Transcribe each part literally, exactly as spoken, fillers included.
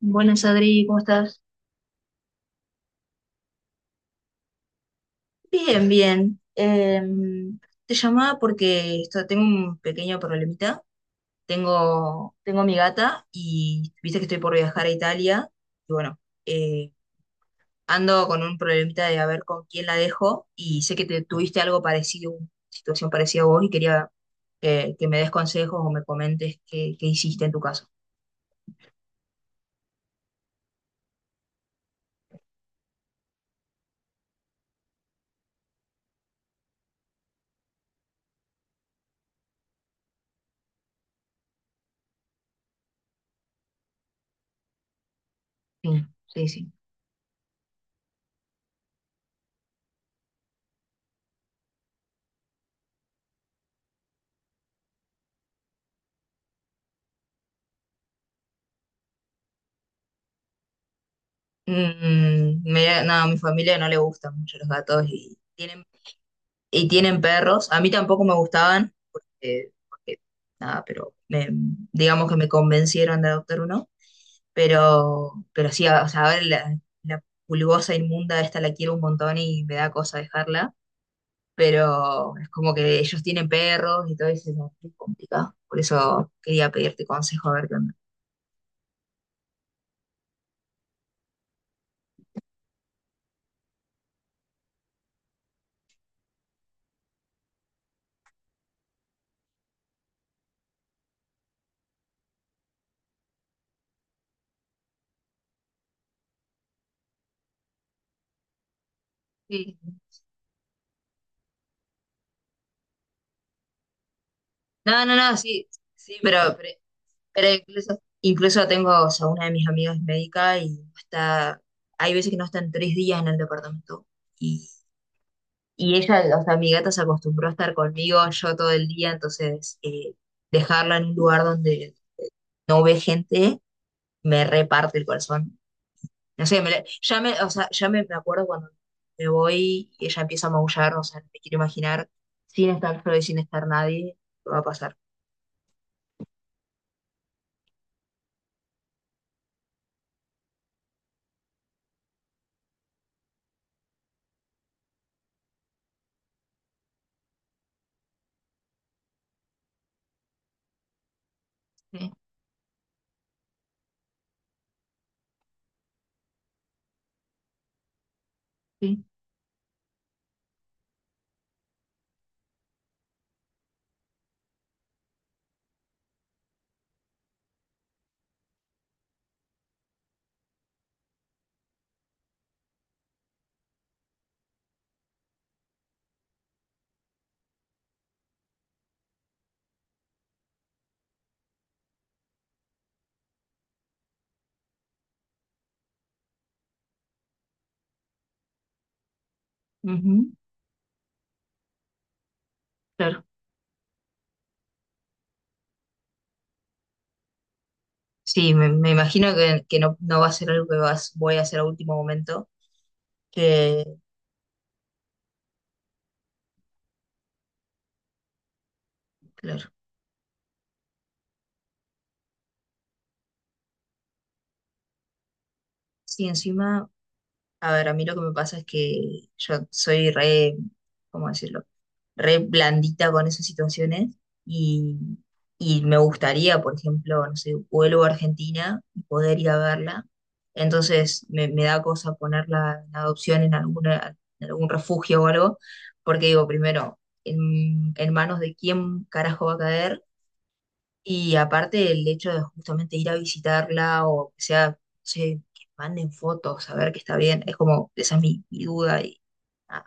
Buenas, Adri, ¿cómo estás? Bien, bien. Em, te llamaba porque esto- tengo un pequeño problemita. Tengo, tengo a mi gata y viste que estoy por viajar a Italia. Y bueno, eh, ando con un problemita de a ver con quién la dejo. Y sé que te tuviste algo parecido, una situación parecida a vos, y quería eh, que me des consejos o me comentes qué, qué hiciste en tu caso. Sí, sí, sí. Mm, me- no, a mi familia no le gustan mucho los gatos y tienen y tienen perros. A mí tampoco me gustaban, porque, porque nada, pero me- digamos que me convencieron de adoptar uno. Pero, pero sí, o sea, ahora la, la pulgosa inmunda esta la quiero un montón y me da cosa dejarla. Pero es como que ellos tienen perros y todo eso no, es complicado. Por eso quería pedirte consejo a ver qué onda. Sí. No, no, no, sí, sí, pero, Pero incluso, incluso tengo, o sea, una de mis amigas es médica y está, hay veces que no están tres días en el departamento. Y, y ella, o sea, mi gata se acostumbró a estar conmigo yo todo el día, entonces eh, dejarla en un lugar donde no ve gente me reparte el corazón. No sé, me, la- ya me, o sea, ya me, me acuerdo cuando me voy y ella empieza a maullar, o sea, no me quiero imaginar sin estar solo y sin estar nadie, lo que va a pasar. Sí, sí, ujú, claro. Sí, me, me imagino que, que no, no va a ser algo que vas, voy a hacer a último momento. Que, claro. Sí, encima, a ver, a mí lo que me pasa es que yo soy re, ¿cómo decirlo? Re blandita con esas situaciones y, y me gustaría, por ejemplo, no sé, vuelvo a Argentina y poder ir a verla. Entonces me, me da cosa ponerla en adopción en alguna, en algún refugio o algo, porque digo, primero, en, en manos de quién carajo va a caer. Y aparte el hecho de justamente ir a visitarla o que sea, no sé, que manden fotos, a ver que está bien, es como, esa es mi, mi duda y ah,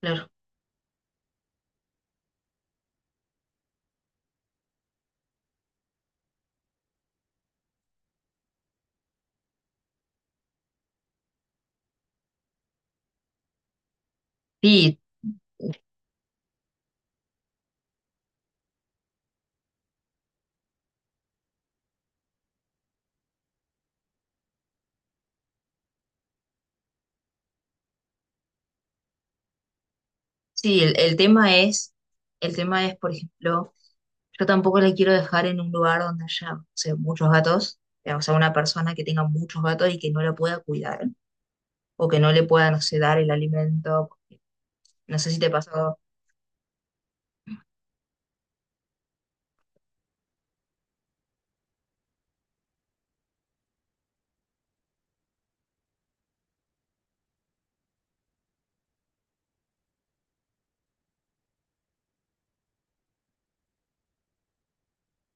claro. Y sí, el, el tema es, el tema es, por ejemplo, yo tampoco la quiero dejar en un lugar donde haya, no sé, muchos gatos, eh, o sea, una persona que tenga muchos gatos y que no la pueda cuidar, o que no le pueda, no sé, dar el alimento, no sé si te pasó.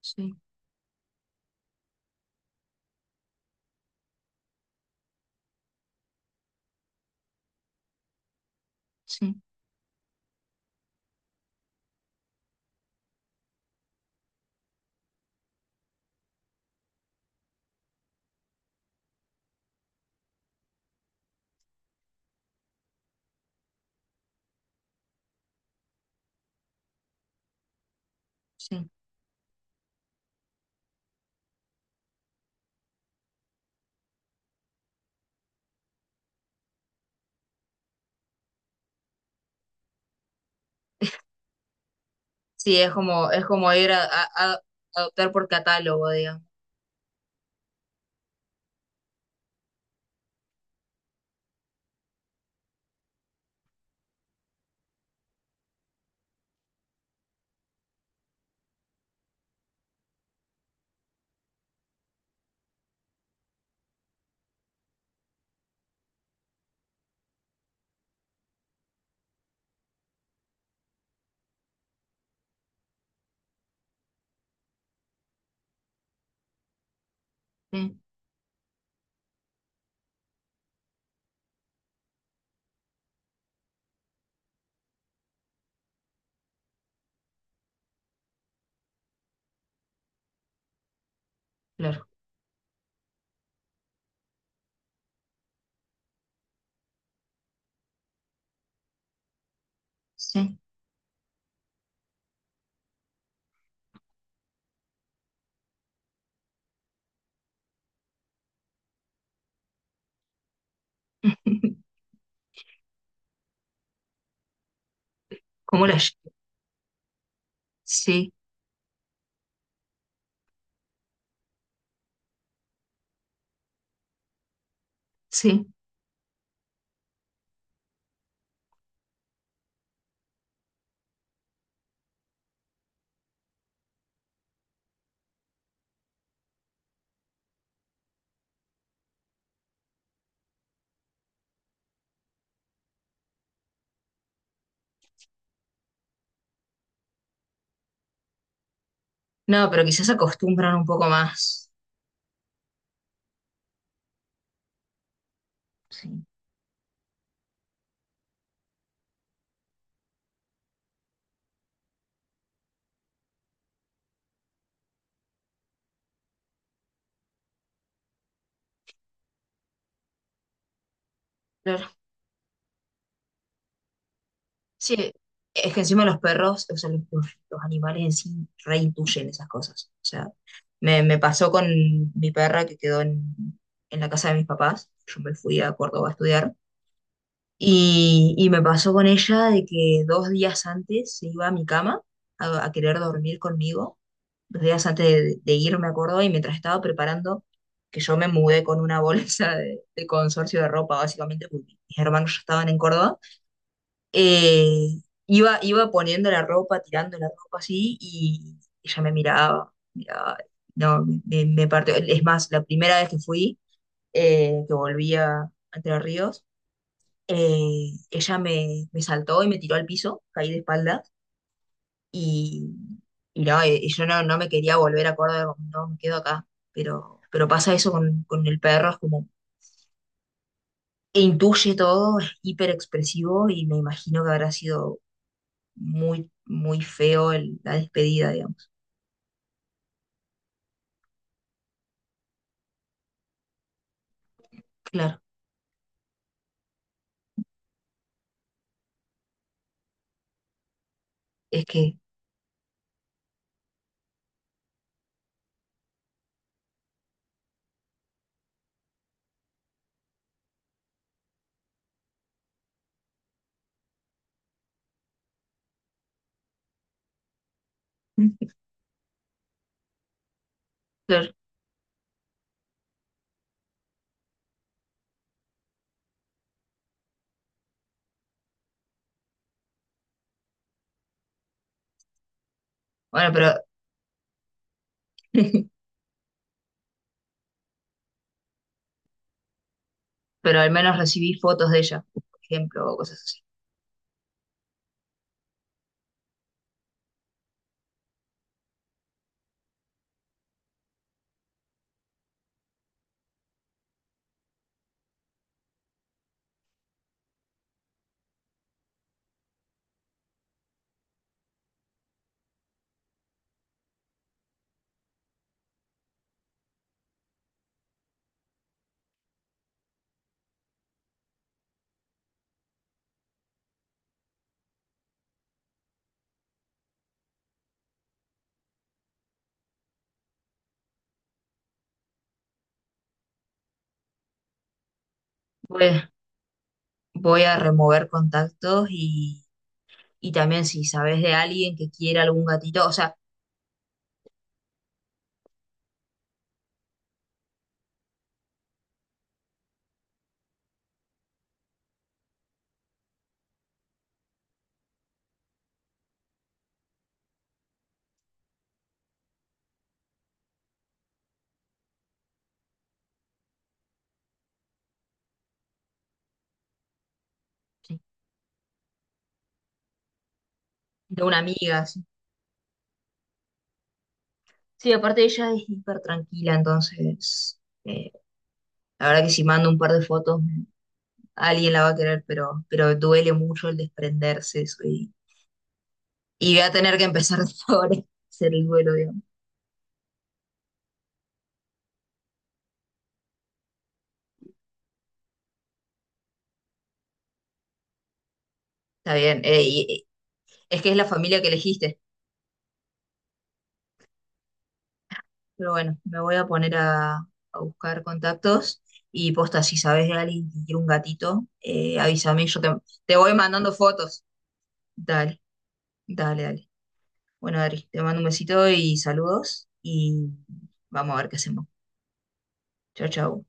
Sí, sí, sí. Sí, es como, es como ir a, a- a adoptar por catálogo, digamos. Claro, sí. ¿Cómo la llevo? Sí, sí. No, pero quizás acostumbran un poco más. Sí, claro. Sí, es que encima los perros, o sea, los, los- los animales en sí reintuyen esas cosas. O sea, me, me pasó con mi perra que quedó en, en la casa de mis papás. Yo me fui a Córdoba a estudiar. Y, y me pasó con ella de que dos días antes se iba a mi cama a a querer dormir conmigo. Dos días antes de, de ir, me acuerdo, y mientras estaba preparando, que yo me mudé con una bolsa de, de consorcio de ropa, básicamente, porque mis hermanos ya estaban en Córdoba, eh, iba, iba poniendo la ropa, tirando la ropa así, y ella me miraba, miraba, no, me, me partió. Es más, la primera vez que fui, eh, que volví a Entre Ríos, eh, ella me, me saltó y me tiró al piso, caí de espalda y, y no, y yo no, no me quería volver a Córdoba, como, no, me quedo acá, pero, pero pasa eso con, con el perro, es como, e intuye todo, es hiper expresivo y me imagino que habrá sido muy, muy feo el- la despedida, digamos. Claro, es que, claro, bueno, pero, pero al menos recibí fotos de ella, por ejemplo, o cosas así. Voy, voy a remover contactos y, y también si sabes de alguien que quiera algún gatito, o sea, de una amiga, si sí, aparte ella es hiper tranquila, entonces eh, la verdad que si mando un par de fotos alguien la va a querer, pero, pero duele mucho el desprenderse eso y, y voy a tener que empezar de ahora a hacer el duelo, digamos. Está bien, eh, y- y- es que es la familia que elegiste, pero bueno, me voy a poner a, a buscar contactos y posta, si sabes de alguien que quiere un gatito, eh, avísame, yo te, te voy mandando fotos. Dale, dale, dale. Bueno, Adri, te mando un besito y saludos y vamos a ver qué hacemos. Chao, chao.